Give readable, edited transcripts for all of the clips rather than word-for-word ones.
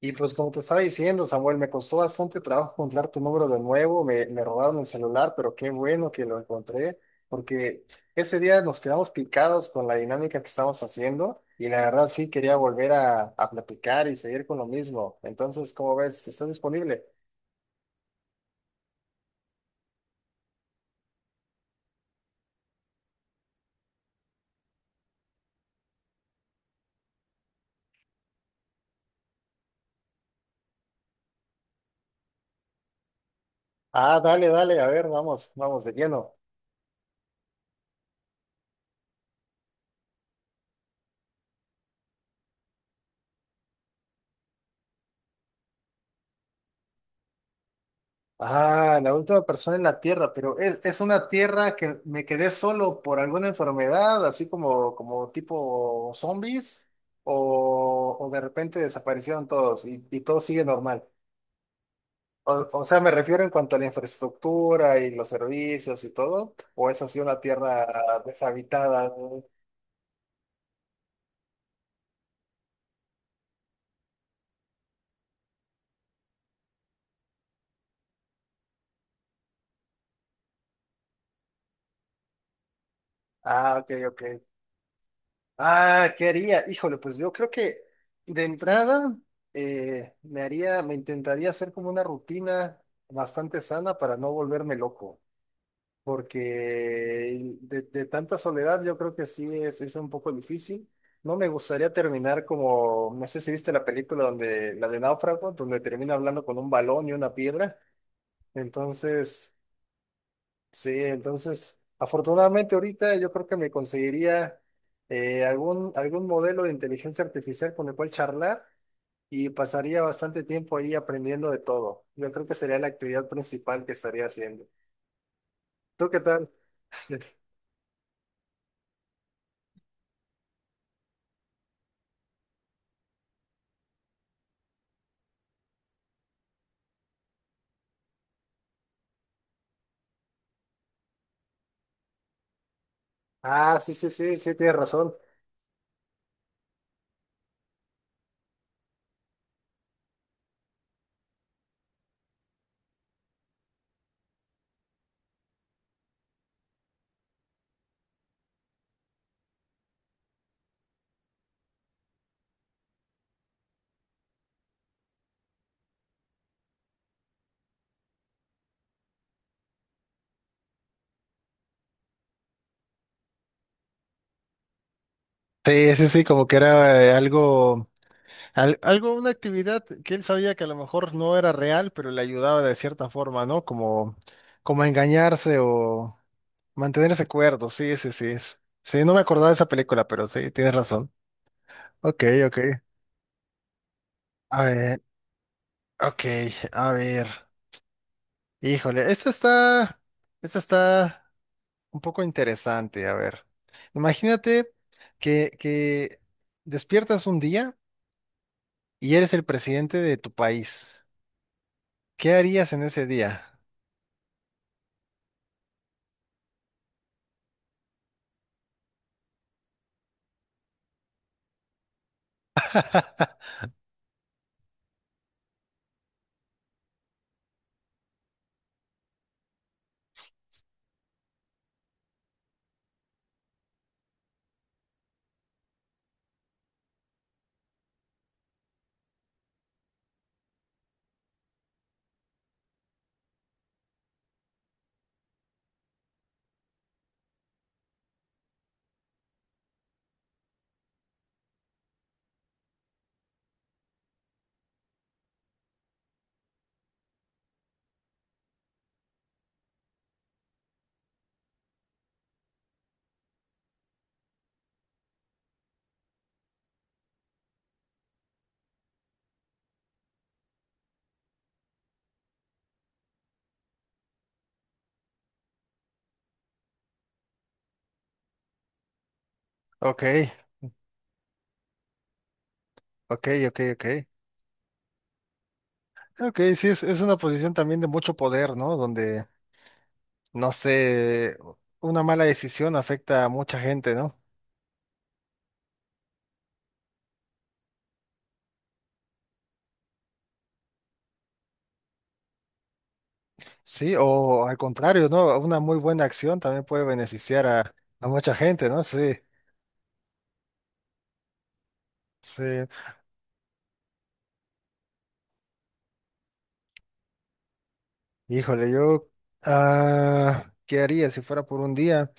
Y pues como te estaba diciendo, Samuel, me costó bastante trabajo encontrar tu número de nuevo, me robaron el celular, pero qué bueno que lo encontré, porque ese día nos quedamos picados con la dinámica que estamos haciendo y la verdad sí quería volver a platicar y seguir con lo mismo. Entonces, ¿cómo ves? ¿Estás disponible? Ah, dale, dale, a ver, vamos, vamos de lleno. Ah, la última persona en la Tierra, pero es una Tierra que me quedé solo por alguna enfermedad, así como, como tipo zombies, o de repente desaparecieron todos y todo sigue normal. O sea, me refiero en cuanto a la infraestructura y los servicios y todo, o es así una Tierra deshabitada, ¿no? Ah, ok, ok. Ah, ¿qué haría? Híjole, pues yo creo que de entrada me haría, me intentaría hacer como una rutina bastante sana para no volverme loco, porque de tanta soledad yo creo que sí es un poco difícil. No me gustaría terminar como, no sé si viste la película donde, la de Náufrago, donde termina hablando con un balón y una piedra. Entonces, sí, entonces, afortunadamente ahorita yo creo que me conseguiría algún, algún modelo de inteligencia artificial con el cual charlar y pasaría bastante tiempo ahí aprendiendo de todo. Yo creo que sería la actividad principal que estaría haciendo. ¿Tú qué tal? Ah, sí, sí, sí, sí, tienes razón. Sí, sí, sí, como que era algo. Al- algo, una actividad que él sabía que a lo mejor no era real, pero le ayudaba de cierta forma, ¿no? Como, como a engañarse o mantener ese acuerdo. Sí, sí, sí. es- Sí, no me acordaba de esa película, pero sí, tienes razón. Ok, ok. A ver, ok, a ver. Híjole, esta está un poco interesante. A ver, imagínate que despiertas un día y eres el presidente de tu país. ¿Qué harías en ese día? Ok, ok, ok, ok. Ok, sí, es una posición también de mucho poder, ¿no? Donde, no sé, una mala decisión afecta a mucha gente, ¿no? Sí, o al contrario, ¿no? Una muy buena acción también puede beneficiar a mucha gente, ¿no? Sí, sí. Híjole, yo, ah, ¿qué haría si fuera por un día?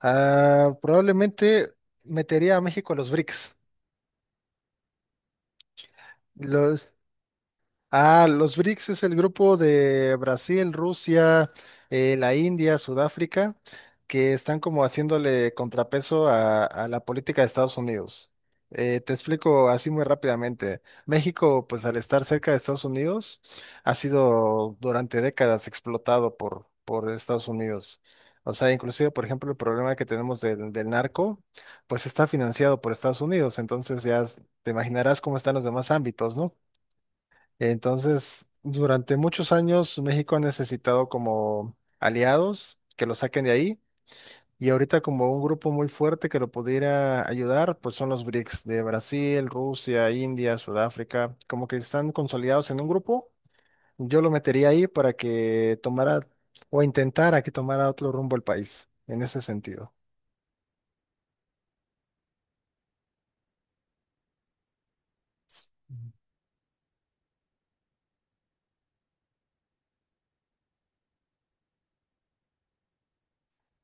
Ah, probablemente metería a México a los BRICS. Ah, los BRICS es el grupo de Brasil, Rusia, la India, Sudáfrica, que están como haciéndole contrapeso a la política de Estados Unidos. Te explico así muy rápidamente. México, pues al estar cerca de Estados Unidos, ha sido durante décadas explotado por Estados Unidos. O sea, inclusive, por ejemplo, el problema que tenemos del narco, pues está financiado por Estados Unidos. Entonces ya te imaginarás cómo están los demás ámbitos, ¿no? Entonces, durante muchos años México ha necesitado como aliados que lo saquen de ahí y ahorita como un grupo muy fuerte que lo pudiera ayudar, pues son los BRICS de Brasil, Rusia, India, Sudáfrica, como que están consolidados en un grupo. Yo lo metería ahí para que tomara o intentara que tomara otro rumbo el país en ese sentido.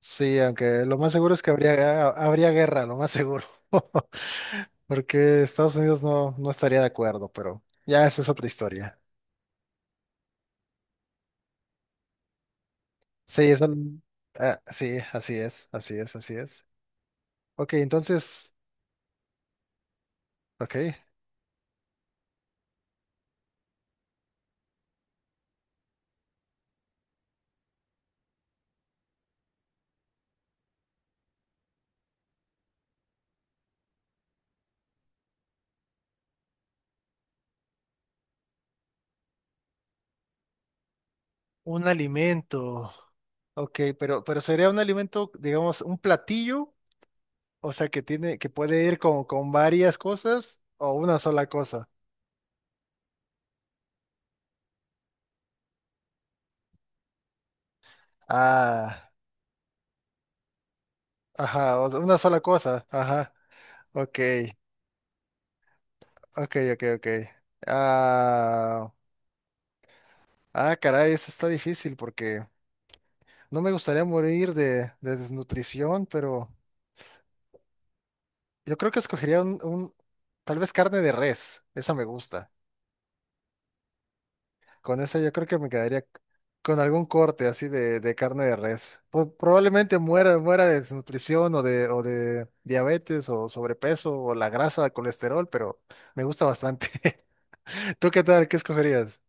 Sí, aunque lo más seguro es que habría, habría guerra, lo más seguro. Porque Estados Unidos no, no estaría de acuerdo, pero ya esa es otra historia. Sí, eso, ah, sí, así es, así es, así es. Ok, entonces, ok, un alimento. Ok, pero sería un alimento, digamos, un platillo, o sea, que tiene, que puede ir con varias cosas o una sola cosa. Ah, ajá, o sea, una sola cosa, ajá, ok. Ok, ok, ok. Ah, ah, caray, eso está difícil porque no me gustaría morir de desnutrición, pero yo creo que escogería un- tal vez carne de res, esa me gusta. Con esa yo creo que me quedaría con algún corte así de carne de res. Po- probablemente muera, muera de desnutrición o de diabetes o sobrepeso o la grasa, colesterol, pero me gusta bastante. ¿Tú qué tal? ¿Qué escogerías?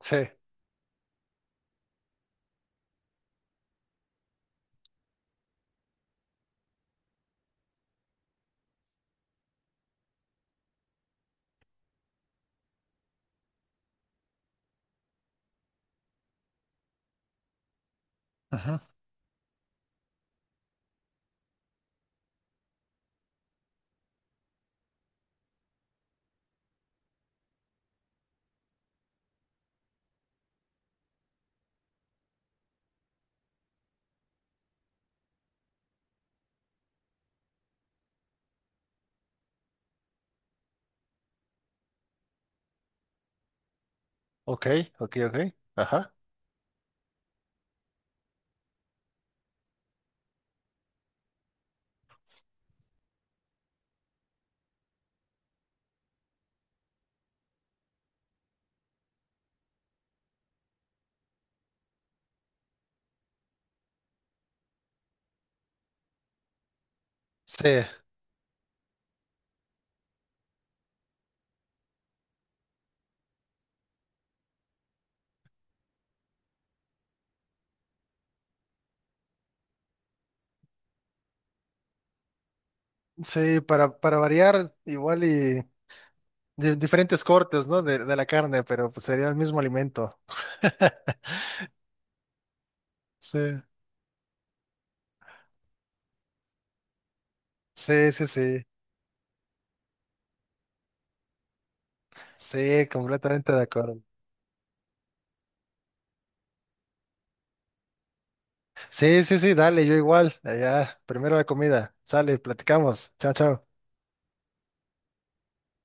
Sí. Ajá. Ok, ok, ok. Ajá. Sí, sí, para variar, igual y de diferentes cortes, ¿no? De la carne, pero pues sería el mismo alimento. Sí, sí, sí, sí. Sí, completamente de acuerdo. Sí, sí, sí, dale, yo igual. Allá, primero la comida. Sale, platicamos. Chao, chao.